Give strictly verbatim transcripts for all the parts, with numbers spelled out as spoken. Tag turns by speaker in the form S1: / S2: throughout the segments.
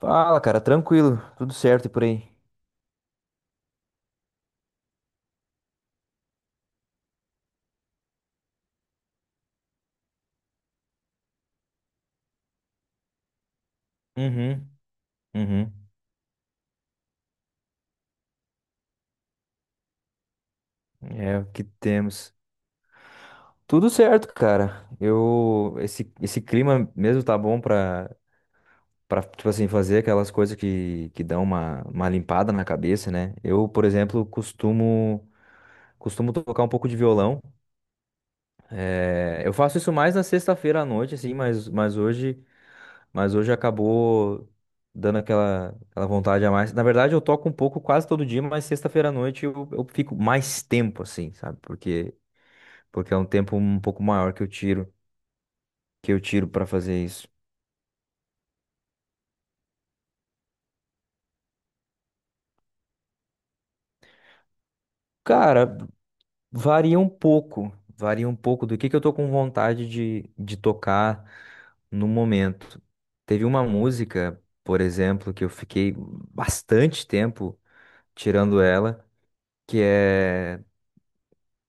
S1: Fala, cara, tranquilo, tudo certo e por aí. Uhum, uhum. É o que temos. Tudo certo, cara. Eu esse, esse clima mesmo tá bom pra, para tipo assim fazer aquelas coisas que, que dão uma, uma limpada na cabeça, né? Eu, por exemplo, costumo costumo tocar um pouco de violão. É, eu faço isso mais na sexta-feira à noite assim, mas mas hoje Mas hoje acabou dando aquela, aquela vontade a mais. Na verdade, eu toco um pouco quase todo dia, mas sexta-feira à noite eu, eu fico mais tempo assim, sabe? Porque, porque é um tempo um pouco maior que eu tiro, que eu tiro para fazer isso. Cara, varia um pouco, varia um pouco do que que eu tô com vontade de, de tocar no momento. Teve uma música, por exemplo, que eu fiquei bastante tempo tirando ela, que é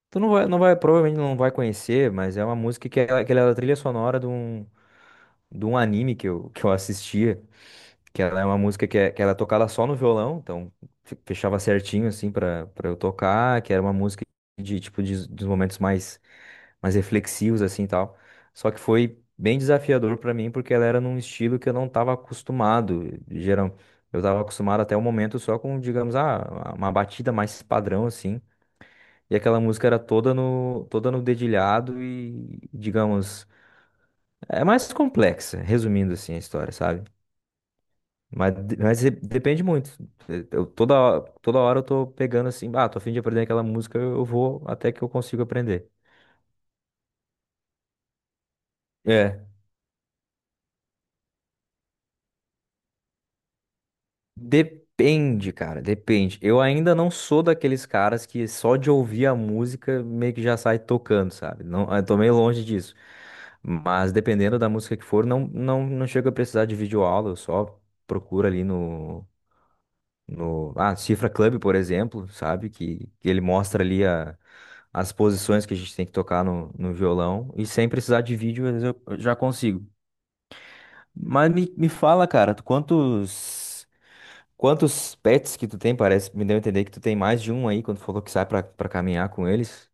S1: Tu não vai, não vai, provavelmente não vai conhecer, mas é uma música que, é, que ela era a trilha sonora de um, de um anime que eu, que eu assistia, que ela é uma música que, é, que ela é tocada só no violão, então fe- fechava certinho, assim, pra, pra eu tocar, que era uma música de, tipo, de, dos momentos mais, mais reflexivos, assim, e tal. Só que foi bem desafiador pra mim, porque ela era num estilo que eu não tava acostumado, geral. Eu tava acostumado até o momento só com, digamos, ah, uma batida mais padrão, assim, e aquela música era toda no, toda no dedilhado e, digamos, é mais complexa, resumindo assim a história, sabe? Mas, de- mas de- depende muito. Eu, toda, ho- toda hora eu tô pegando assim, ah, tô a fim de aprender aquela música, eu vou até que eu consigo aprender. É. Depende, cara, depende. Eu ainda não sou daqueles caras que só de ouvir a música meio que já sai tocando, sabe? Não, eu tô meio longe disso. Mas dependendo da música que for, não, não, não chego a precisar de videoaula, eu só procuro ali no, no... Ah, Cifra Club, por exemplo, sabe? Que, que ele mostra ali a, as posições que a gente tem que tocar no, no violão. E sem precisar de vídeo, às vezes eu eu já consigo. Mas me, me fala, cara, tu- quantos. Quantos pets que tu tem? Parece, me deu a entender que tu tem mais de um aí quando tu falou que sai pra, pra caminhar com eles.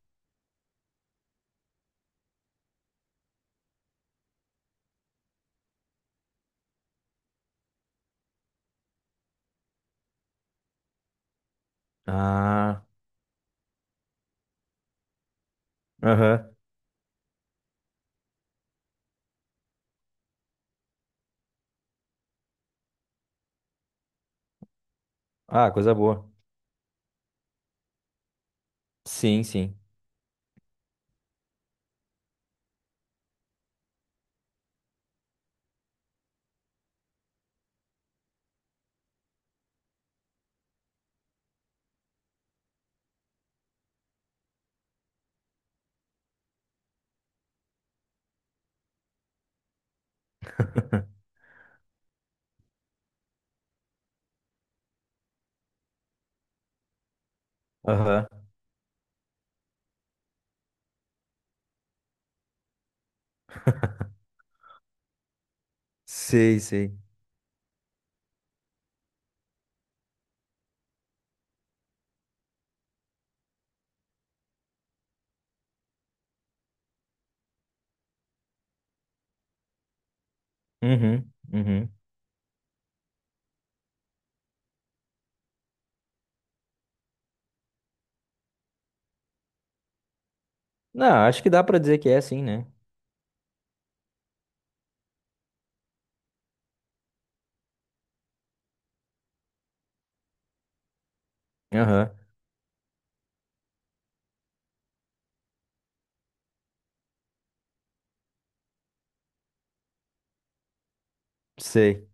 S1: Ah, aham. Ah, coisa boa. Sim, sim. Aham. Sei, sei. Uhum, uhum. Não, acho que dá pra dizer que é assim, né? Aham. Sei.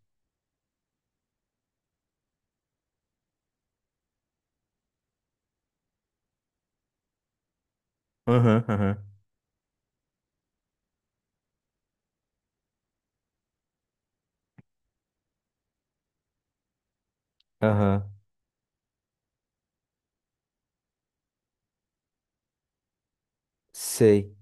S1: Aham, aham. Aham. Sei.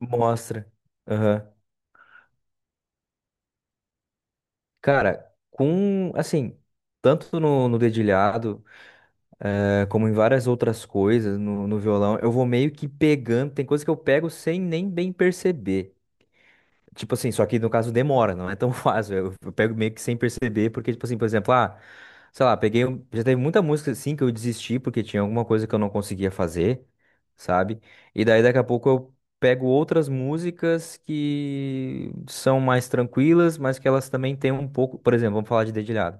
S1: Mostra. Aham. Cara, com, assim, tanto no, no dedilhado. É, como em várias outras coisas no, no violão, eu vou meio que pegando. Tem coisa que eu pego sem nem bem perceber. Tipo assim, só que no caso demora, não é tão fácil. Eu, eu pego meio que sem perceber, porque, tipo assim, por exemplo, ah, sei lá, peguei. um- Já teve muita música assim que eu desisti porque tinha alguma coisa que eu não conseguia fazer, sabe? E daí daqui a pouco eu pego outras músicas que são mais tranquilas, mas que elas também têm um pouco. Por exemplo, vamos falar de dedilhado.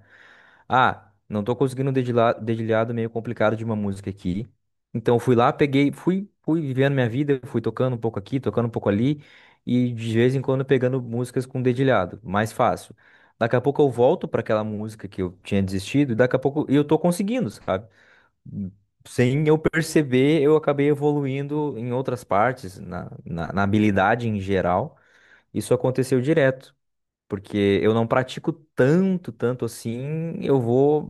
S1: Ah, não tô conseguindo um dedila- dedilhado meio complicado de uma música aqui. Então fui lá, peguei, fui, fui vivendo minha vida, fui tocando um pouco aqui, tocando um pouco ali, e de vez em quando pegando músicas com dedilhado, mais fácil. Daqui a pouco eu volto para aquela música que eu tinha desistido, e daqui a pouco e eu tô conseguindo, sabe? Sem eu perceber, eu acabei evoluindo em outras partes, na, na, na habilidade em geral. Isso aconteceu direto, porque eu não pratico tanto, tanto assim, eu vou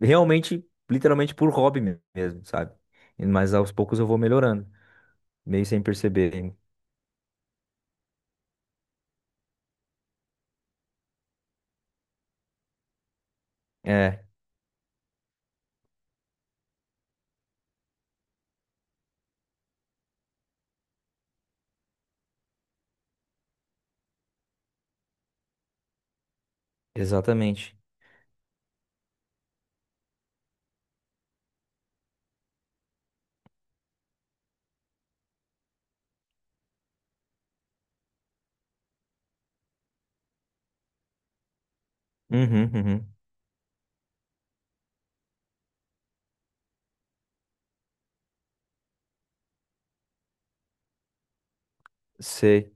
S1: realmente, literalmente por hobby me- mesmo, sabe? Mas aos poucos eu vou melhorando, meio sem perceber. Ainda. É, exatamente. Uhum, uhum. Sei.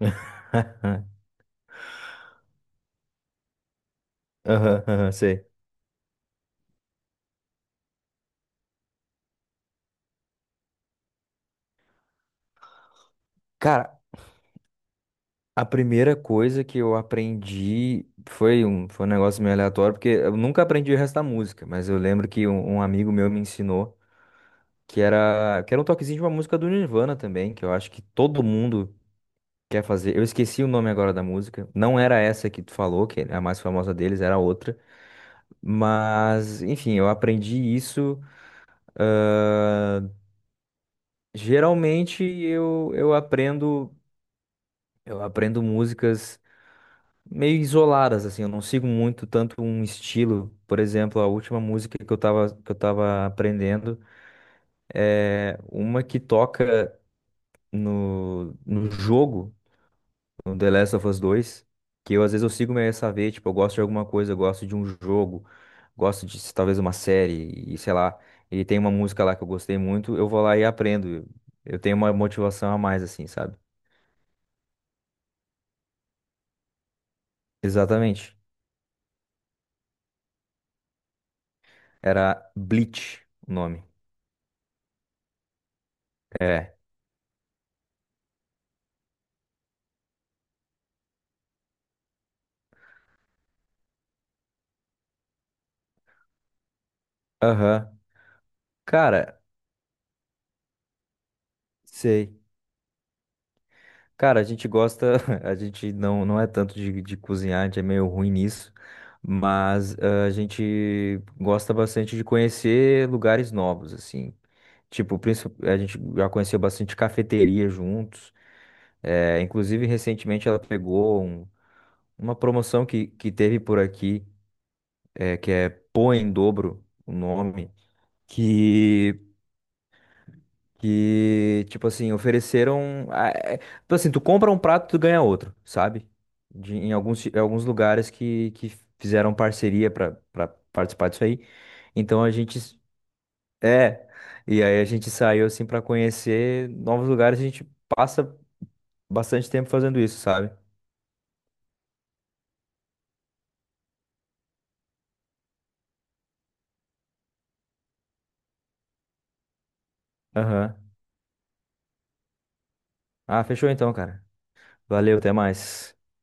S1: Aham, aham, sei. Cara, a primeira coisa que eu aprendi foi um, foi um negócio meio aleatório, porque eu nunca aprendi o resto da música, mas eu lembro que um, um amigo meu me ensinou que era, que era um toquezinho de uma música do Nirvana também, que eu acho que todo mundo quer fazer? Eu esqueci o nome agora da música. Não era essa que tu falou, que é a mais famosa deles, era outra. Mas, enfim, eu aprendi isso. ah, Geralmente eu, eu aprendo eu aprendo músicas meio isoladas, assim. Eu não sigo muito tanto um estilo. Por exemplo, a última música que eu tava, que eu tava aprendendo é uma que toca no, no jogo. No The Last of Us dois, que eu às vezes eu sigo meio essa veia, tipo, eu gosto de alguma coisa, eu gosto de um jogo, gosto de talvez uma série, e sei lá, ele tem uma música lá que eu gostei muito, eu vou lá e aprendo. Eu tenho uma motivação a mais, assim, sabe? Exatamente. Era Bleach o nome. É. Aham. Cara, sei. Cara, a gente gosta, a gente não, não é tanto de, de cozinhar, a gente é meio ruim nisso, mas ah, a gente gosta bastante de conhecer lugares novos, assim. Tipo, princi- a gente já conheceu bastante cafeteria juntos. É, inclusive, recentemente ela pegou um- uma promoção que, que teve por aqui, é, que é Pô em Dobro, o nome, que, que tipo assim, ofereceram. Ah, é- tipo assim, tu compra um prato, tu ganha outro, sabe? De- em alguns, em alguns lugares que, que fizeram parceria para participar disso aí. Então a gente. É. E aí a gente saiu assim para conhecer novos lugares, a gente passa. Bastante tempo fazendo isso, sabe? Aham. Ah, fechou então, cara. Valeu, até mais.